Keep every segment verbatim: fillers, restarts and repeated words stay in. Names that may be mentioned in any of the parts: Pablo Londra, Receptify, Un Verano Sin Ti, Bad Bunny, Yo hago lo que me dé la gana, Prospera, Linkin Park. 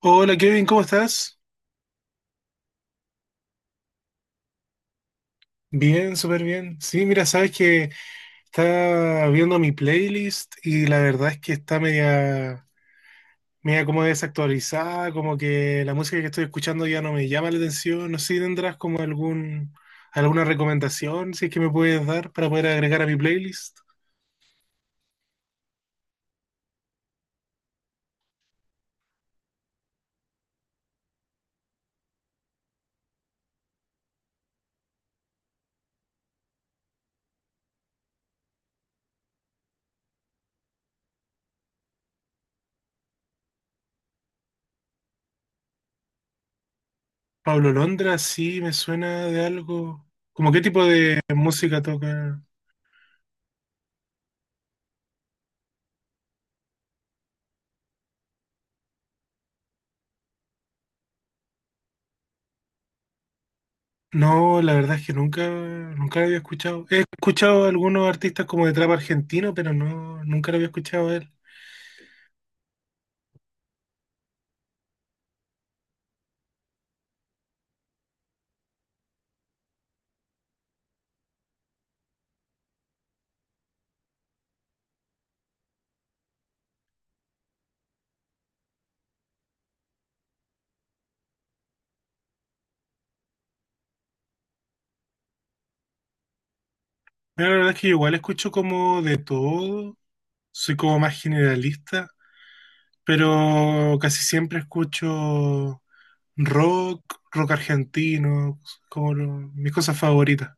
Hola, Kevin, ¿cómo estás? Bien, súper bien. Sí, mira, sabes que estaba viendo mi playlist y la verdad es que está media, media como desactualizada, como que la música que estoy escuchando ya no me llama la atención. No sé si tendrás como algún, alguna recomendación, si es que me puedes dar para poder agregar a mi playlist. Pablo Londra, sí, me suena de algo. ¿Cómo qué tipo de música toca? No, la verdad es que nunca, nunca lo había escuchado. He escuchado a algunos artistas como de trap argentino, pero no, nunca lo había escuchado a él. Mira, la verdad es que yo igual escucho como de todo, soy como más generalista, pero casi siempre escucho rock, rock argentino, como lo- mis cosas favoritas.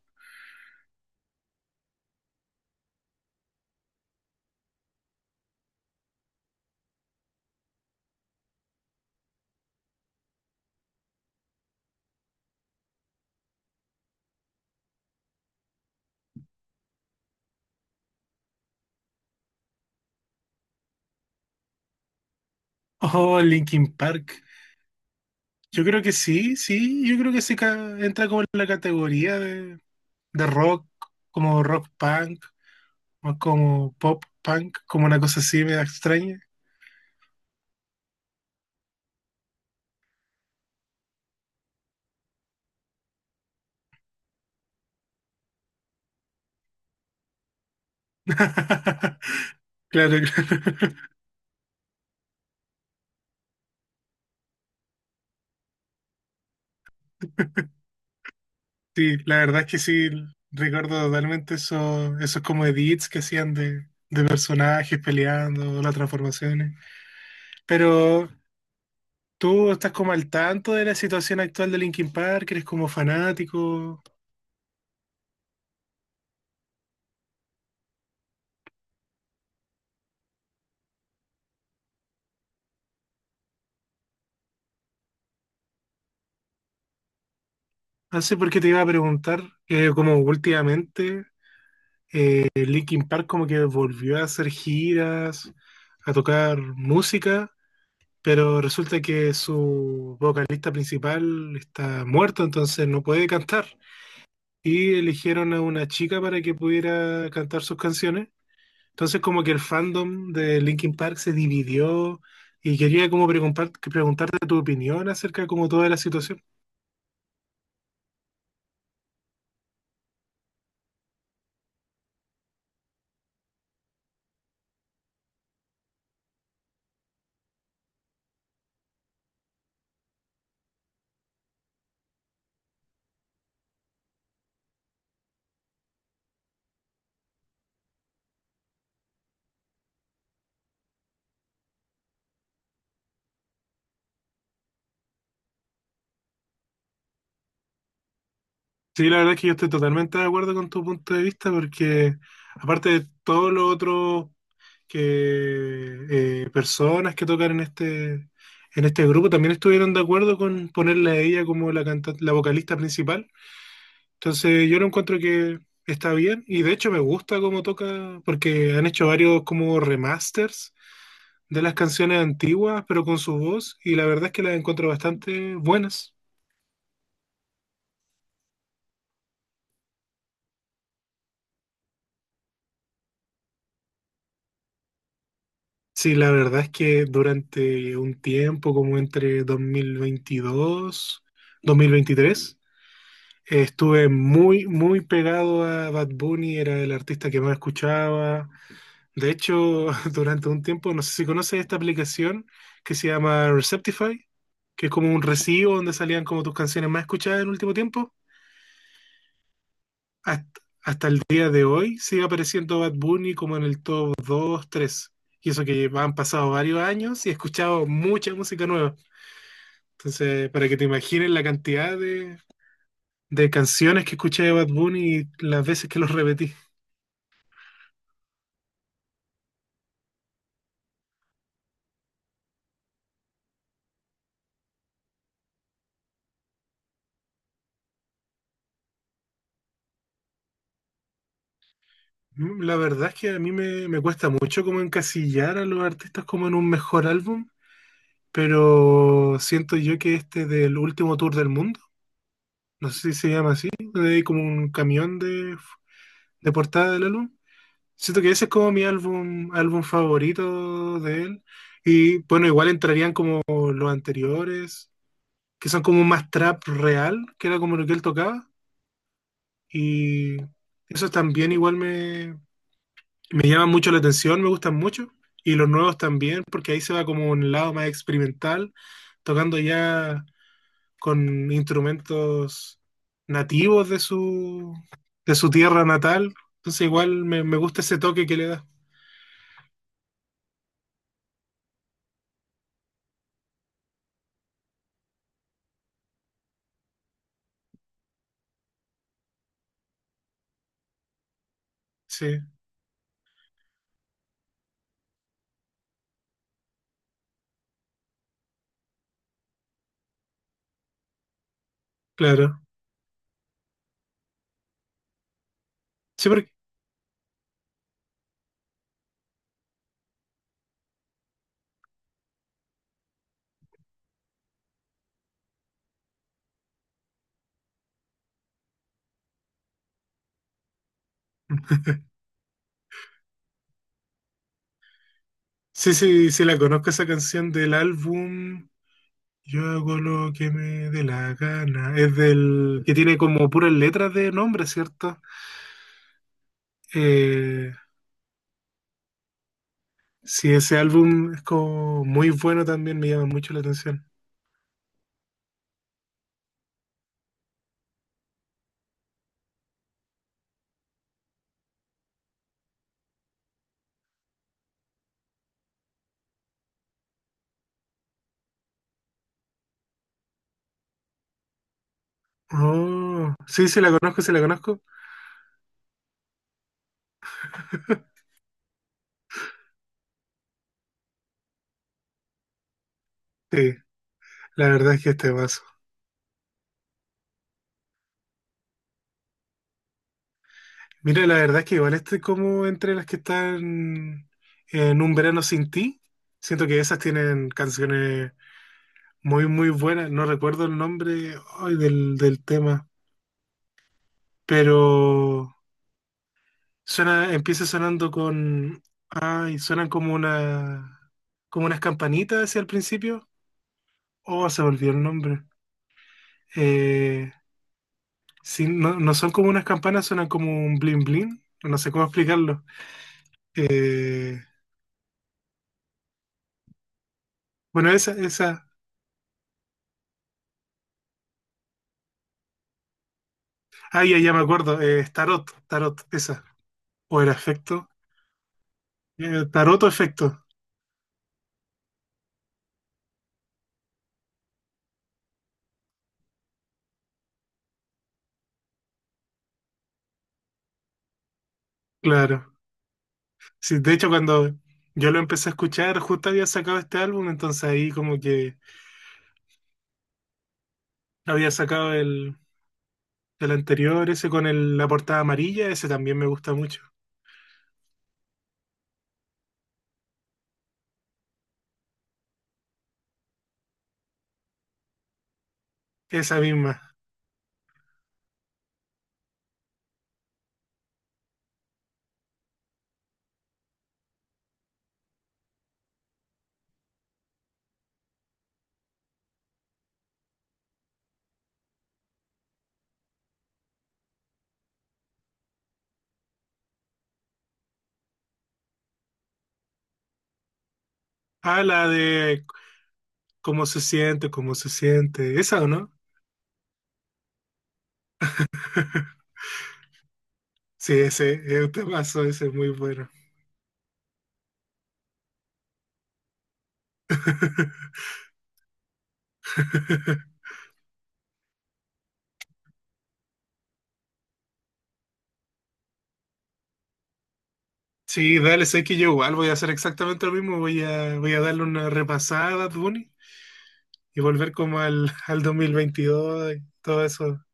Oh, Linkin Park. Yo creo que sí, sí, yo creo que sí ca- entra como en la categoría de, de rock, como rock punk, más como pop, punk, como una cosa así media extraña. Claro, claro. Sí, la verdad es que sí, recuerdo totalmente eso, esos como edits que hacían de, de personajes peleando, las transformaciones. Pero tú estás como al tanto de la situación actual de Linkin Park, eres como fanático. No sé por qué te iba a preguntar, que como últimamente eh, Linkin Park como que volvió a hacer giras, a tocar música. Pero resulta que su vocalista principal está muerto, entonces no puede cantar. Y eligieron a una chica para que pudiera cantar sus canciones. Entonces como que el fandom de Linkin Park se dividió y quería como preguntar- preguntarte tu opinión acerca como toda la situación. Sí, la verdad es que yo estoy totalmente de acuerdo con tu punto de vista porque aparte de todo lo otro que eh, personas que tocaron en este en este grupo también estuvieron de acuerdo con ponerla a ella como la canta- la vocalista principal. Entonces yo lo encuentro que está bien y de hecho me gusta cómo toca porque han hecho varios como remasters de las canciones antiguas pero con su voz y la verdad es que las encuentro bastante buenas. Sí, la verdad es que durante un tiempo, como entre dos mil veintidós, dos mil veintitrés, eh, estuve muy, muy pegado a Bad Bunny, era el artista que más escuchaba. De hecho, durante un tiempo, no sé si conoces esta aplicación que se llama Receptify, que es como un recibo donde salían como tus canciones más escuchadas en el último tiempo. hasta, hasta el día de hoy sigue apareciendo Bad Bunny como en el top dos tres. Y eso que han pasado varios años y he escuchado mucha música nueva. Entonces, para que te imagines la cantidad de, de canciones que escuché de Bad Bunny y las veces que los repetí. Mm, la verdad es que a mí me, me cuesta mucho como encasillar a los artistas como en un mejor álbum, pero siento yo que este del último tour del mundo, no sé si se llama así, donde hay como un camión de, de portada del álbum. Siento que ese es como mi álbum, álbum favorito de él. Y bueno, igual entrarían como los anteriores, que son como más trap real, que era como lo que él tocaba. Y esos también igual me, me llaman mucho la atención, me gustan mucho. Y los nuevos también, porque ahí se va como un lado más experimental, tocando ya con instrumentos nativos de su, de su tierra natal. Entonces igual me, me gusta ese toque que le da. Sí, claro. Sí, porque sí, sí, sí, la conozco esa canción del álbum Yo hago lo que me dé la gana. Es del que tiene como puras letras de nombre, ¿cierto? Eh, sí, ese álbum es como muy bueno también, me llama mucho la atención. Oh, sí, sí, la conozco, sí, la conozco. Sí, la verdad es que este vaso. Mira, la verdad es que igual este como entre las que están en Un Verano Sin Ti. Siento que esas tienen canciones muy, muy buena. No recuerdo el nombre, ay, del, del tema, pero suena, empieza sonando con, ay, suenan como una, como unas campanitas hacia el principio. Oh, se me olvidó el nombre. Eh, sí, no, no son como unas campanas, suenan como un bling bling. No sé cómo explicarlo. Eh, bueno, esa, esa. Ah, ya, ya me acuerdo. Eh, es tarot, tarot, esa. O era efecto. Eh, tarot o efecto, claro. Sí, de hecho, cuando yo lo empecé a escuchar, justo había sacado este álbum, entonces ahí como que había sacado el, el anterior, ese con el- la portada amarilla, ese también me gusta mucho. Esa misma. Ah, la de cómo se siente, cómo se siente. ¿Esa o no? Sí, ese es un temazo, ese es muy bueno. Sí, dale, sé que yo igual voy a hacer exactamente lo mismo, voy a, voy a darle una repasada a Bad Bunny y volver como al, al dos mil veintidós y todo eso,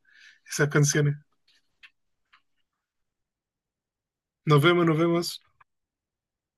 esas canciones. Nos vemos, nos vemos.